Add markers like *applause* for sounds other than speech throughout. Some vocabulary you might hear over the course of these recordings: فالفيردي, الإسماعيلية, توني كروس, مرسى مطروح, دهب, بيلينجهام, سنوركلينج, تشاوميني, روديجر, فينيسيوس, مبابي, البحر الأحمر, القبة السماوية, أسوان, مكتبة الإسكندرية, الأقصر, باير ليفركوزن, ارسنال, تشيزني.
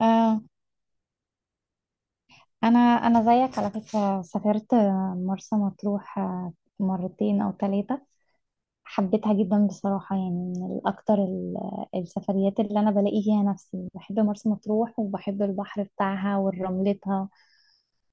آه. انا زيك على فكره سافرت مرسى مطروح آه، مرتين او ثلاثه. حبيتها جدا بصراحه يعني من الاكتر السفريات اللي انا بلاقي فيها نفسي. بحب مرسى مطروح وبحب البحر بتاعها ورملتها.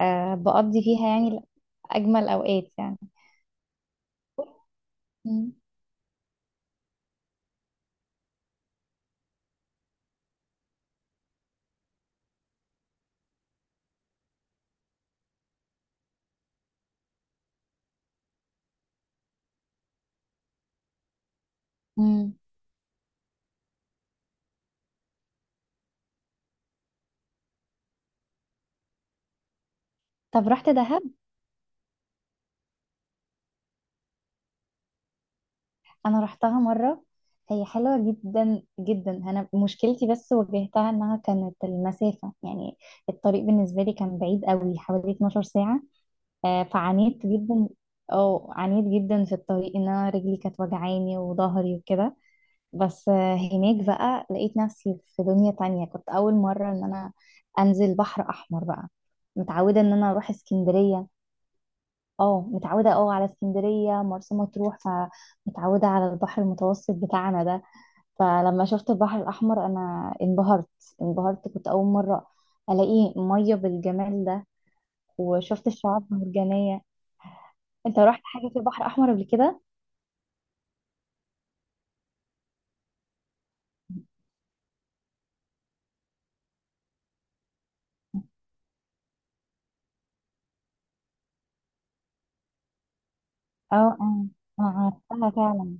آه بقضي فيها يعني اجمل اوقات يعني. مم. مم. طب رحت دهب؟ انا رحتها مره. هي حلوه جدا جدا، انا مشكلتي بس واجهتها انها كانت المسافه يعني الطريق بالنسبه لي كان بعيد قوي، حوالي 12 ساعه. فعانيت جدا. اه عانيت جدا في الطريق، ان انا رجلي كانت وجعاني وظهري وكده. بس آه، هناك بقى لقيت نفسي في دنيا تانية. كنت اول مره ان انا انزل بحر احمر بقى. متعوده ان انا اروح اسكندريه. اه متعودة اه على اسكندرية، مرسى مطروح، فمتعودة على البحر المتوسط بتاعنا ده. فلما شفت البحر الأحمر أنا انبهرت. انبهرت، كنت أول مرة ألاقي مية بالجمال ده، وشفت الشعاب المرجانية. انت رحت حاجة في البحر الأحمر قبل كده؟ اه اه، اه عرفتها فعلا.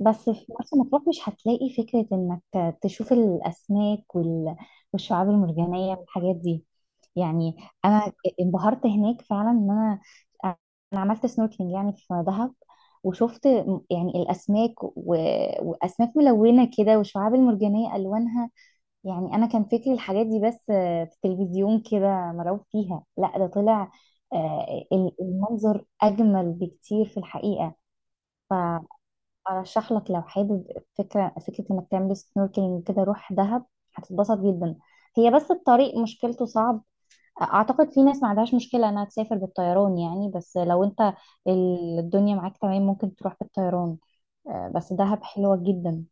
بس في مرسى مطروح مش هتلاقي فكرة انك تشوف الاسماك والشعاب المرجانية والحاجات دي يعني. انا انبهرت هناك فعلا ان انا انا عملت سنوركلينج يعني في دهب، وشفت يعني الاسماك واسماك ملونة كده والشعاب المرجانية الوانها. يعني انا كان فكري الحاجات دي بس في التلفزيون كده مرعوب فيها، لا ده طلع آه، المنظر اجمل بكتير في الحقيقة. ارشح لك لو حابب فكره فكره، انك تعمل سنوركلينج كده روح دهب، هتتبسط جدا. هي بس الطريق مشكلته صعب. اعتقد في ناس ما عندهاش مشكله انها تسافر بالطيران يعني، بس لو انت الدنيا معاك تمام ممكن تروح بالطيران. آه، بس دهب حلوه جدا.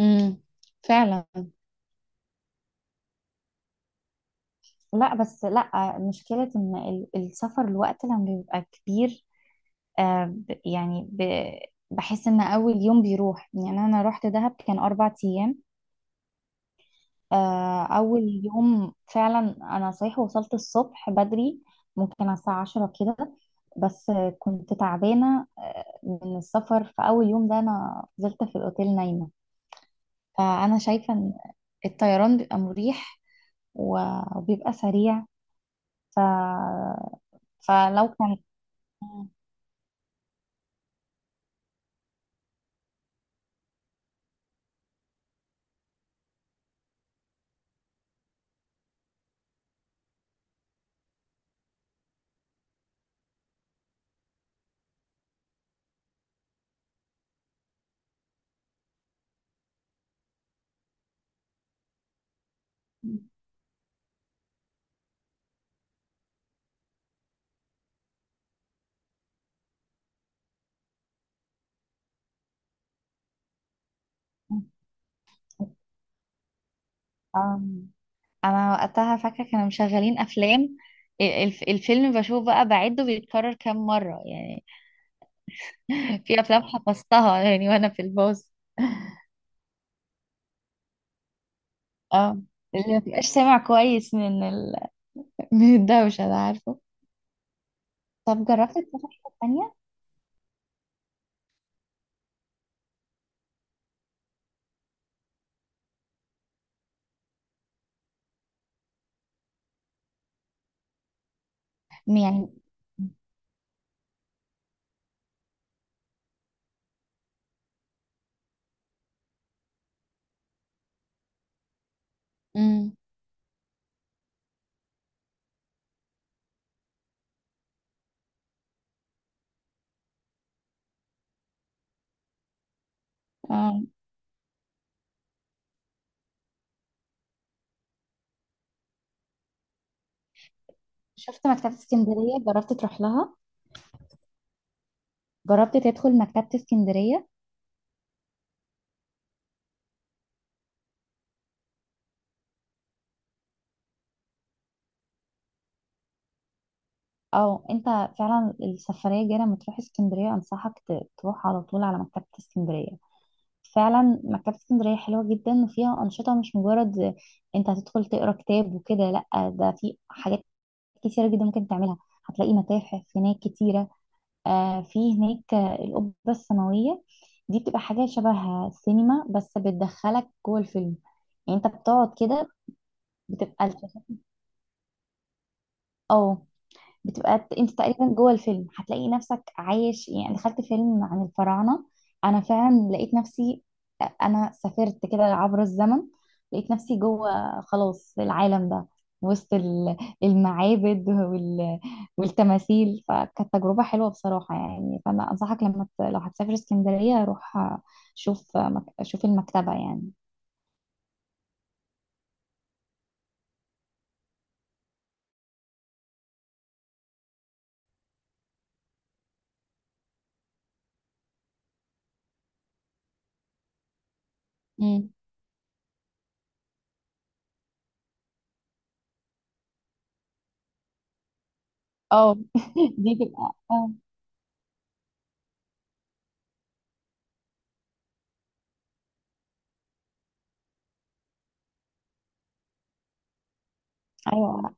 امم فعلا. لا بس لا، مشكلة ان السفر الوقت لما بيبقى كبير آه، بحس ان اول يوم بيروح. يعني انا رحت دهب كان 4 ايام، آه، أول يوم فعلا. أنا صحيح وصلت الصبح بدري، ممكن على الساعة 10 كده، بس آه، كنت تعبانة آه، من السفر. في أول يوم ده أنا فضلت في الأوتيل نايمة. فأنا شايفة إن الطيران بيبقى مريح وبيبقى سريع. ف... فلو كان آم، أنا وقتها فاكرة كانوا مشغلين أفلام. الفيلم بشوف بقى بعده بيتكرر كام مرة يعني. *laughs* في افلام حفظتها يعني وانا في الباص. اه اللي ما تبقاش سامع كويس من *laughs* من الدوشة ده عارفه. طب جربت تروح حتة تانية؟ م- يعني امم. اه، شفت مكتبة اسكندرية؟ جربت تروح لها؟ جربت تدخل مكتبة اسكندرية؟ او انت فعلا السفرية الجاية لما تروح اسكندرية انصحك تروح على طول على مكتبة اسكندرية. فعلا مكتبة اسكندرية حلوة جدا، وفيها أنشطة، مش مجرد انت هتدخل تقرا كتاب وكده، لا ده في حاجات كتيرة جدا ممكن تعملها. هتلاقي متاحف هناك كتيرة. آه في هناك آه، القبة السماوية. دي بتبقى حاجة شبه السينما بس بتدخلك جوه الفيلم. يعني انت بتقعد كده بتبقى الشاشة، اه بتبقى انت تقريبا جوه الفيلم، هتلاقي نفسك عايش. يعني دخلت فيلم عن الفراعنة انا فعلا لقيت نفسي. انا سافرت كده عبر الزمن، لقيت نفسي جوه خلاص العالم ده، وسط المعابد والتماثيل. فكانت تجربة حلوة بصراحة يعني. فأنا أنصحك لو هتسافر اسكندرية روح شوف المكتبة يعني. مم. اه. *laughs* دي تبقى اه. ايوه.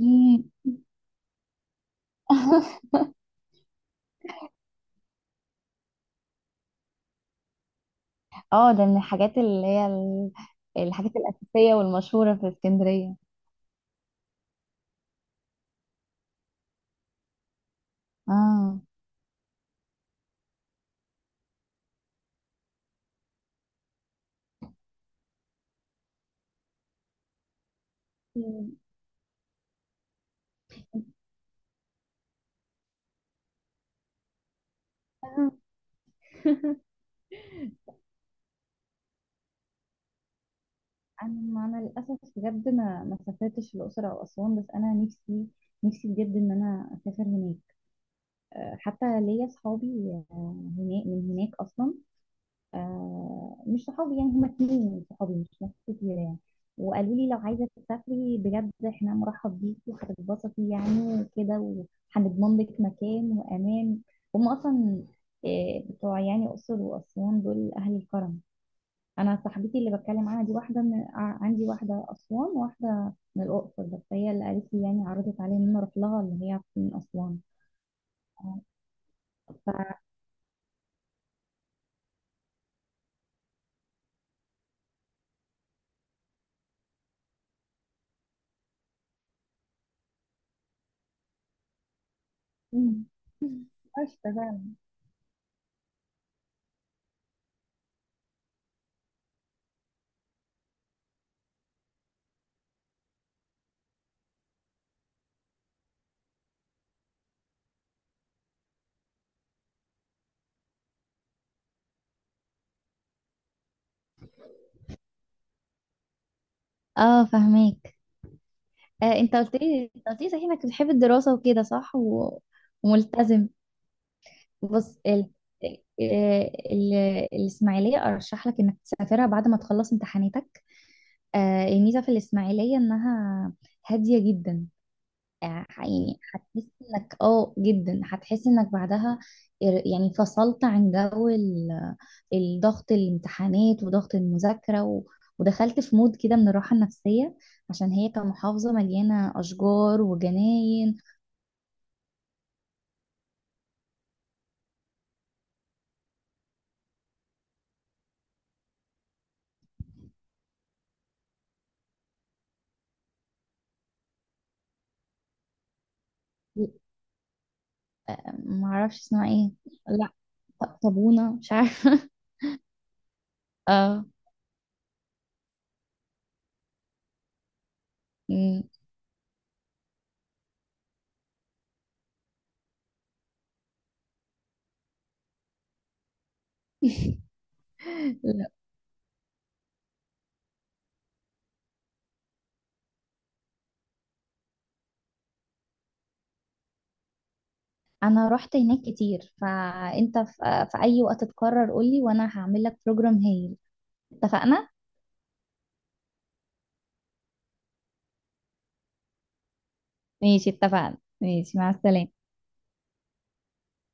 مم. *laughs* اه، ده من الحاجات اللي هي الحاجات الأساسية والمشهورة في اسكندرية. اه انا أنا للاسف بجد ما سافرتش الاقصر او اسوان، بس انا نفسي نفسي بجد ان انا اسافر هناك. آه، حتى ليا اصحابي آه، هناك من هناك اصلا. آه مش صحابي يعني، هما اتنين من صحابي مش ناس كتير يعني. وقالوا لي لو عايزة تسافري بجد احنا مرحب بيكي وهتتبسطي يعني وكده، وهنضمن لك مكان وأمان. هما أصلا آه، بتوع يعني أقصر وأسوان دول أهل الكرم. أنا صاحبتي اللي بتكلم عنها دي واحدة عندي واحدة أسوان وواحدة من الأقصر، بس هي اللي قالت لي يعني عرضت عليا إن أنا أروح لها اللي هي من أسوان. ف مم. قشطة فعلا. اه فهماك. آه، انت قلت لي صحيح انك بتحب الدراسة وكده صح وملتزم. بص ال... آه، ال... الإسماعيلية أرشح لك إنك تسافرها بعد ما تخلص امتحاناتك. آه، الميزة في الإسماعيلية إنها هادية جدا آه، يعني هتحس إنك آه جدا، هتحس إنك بعدها يعني فصلت عن جو الضغط، الامتحانات وضغط المذاكرة ودخلت في مود كده من الراحة النفسية، عشان هي كمحافظة مليانة أشجار وجناين. ما اعرفش اسمها ايه. لا، طابونة، مش عارفة. *laughs* اه. مم. *laughs* لا. انا رحت هناك كتير، فانت في, في اي وقت تقرر قولي وانا هعمل لك بروجرام هايل. اتفقنا ماشي. اتفقنا ماشي مع السلامة.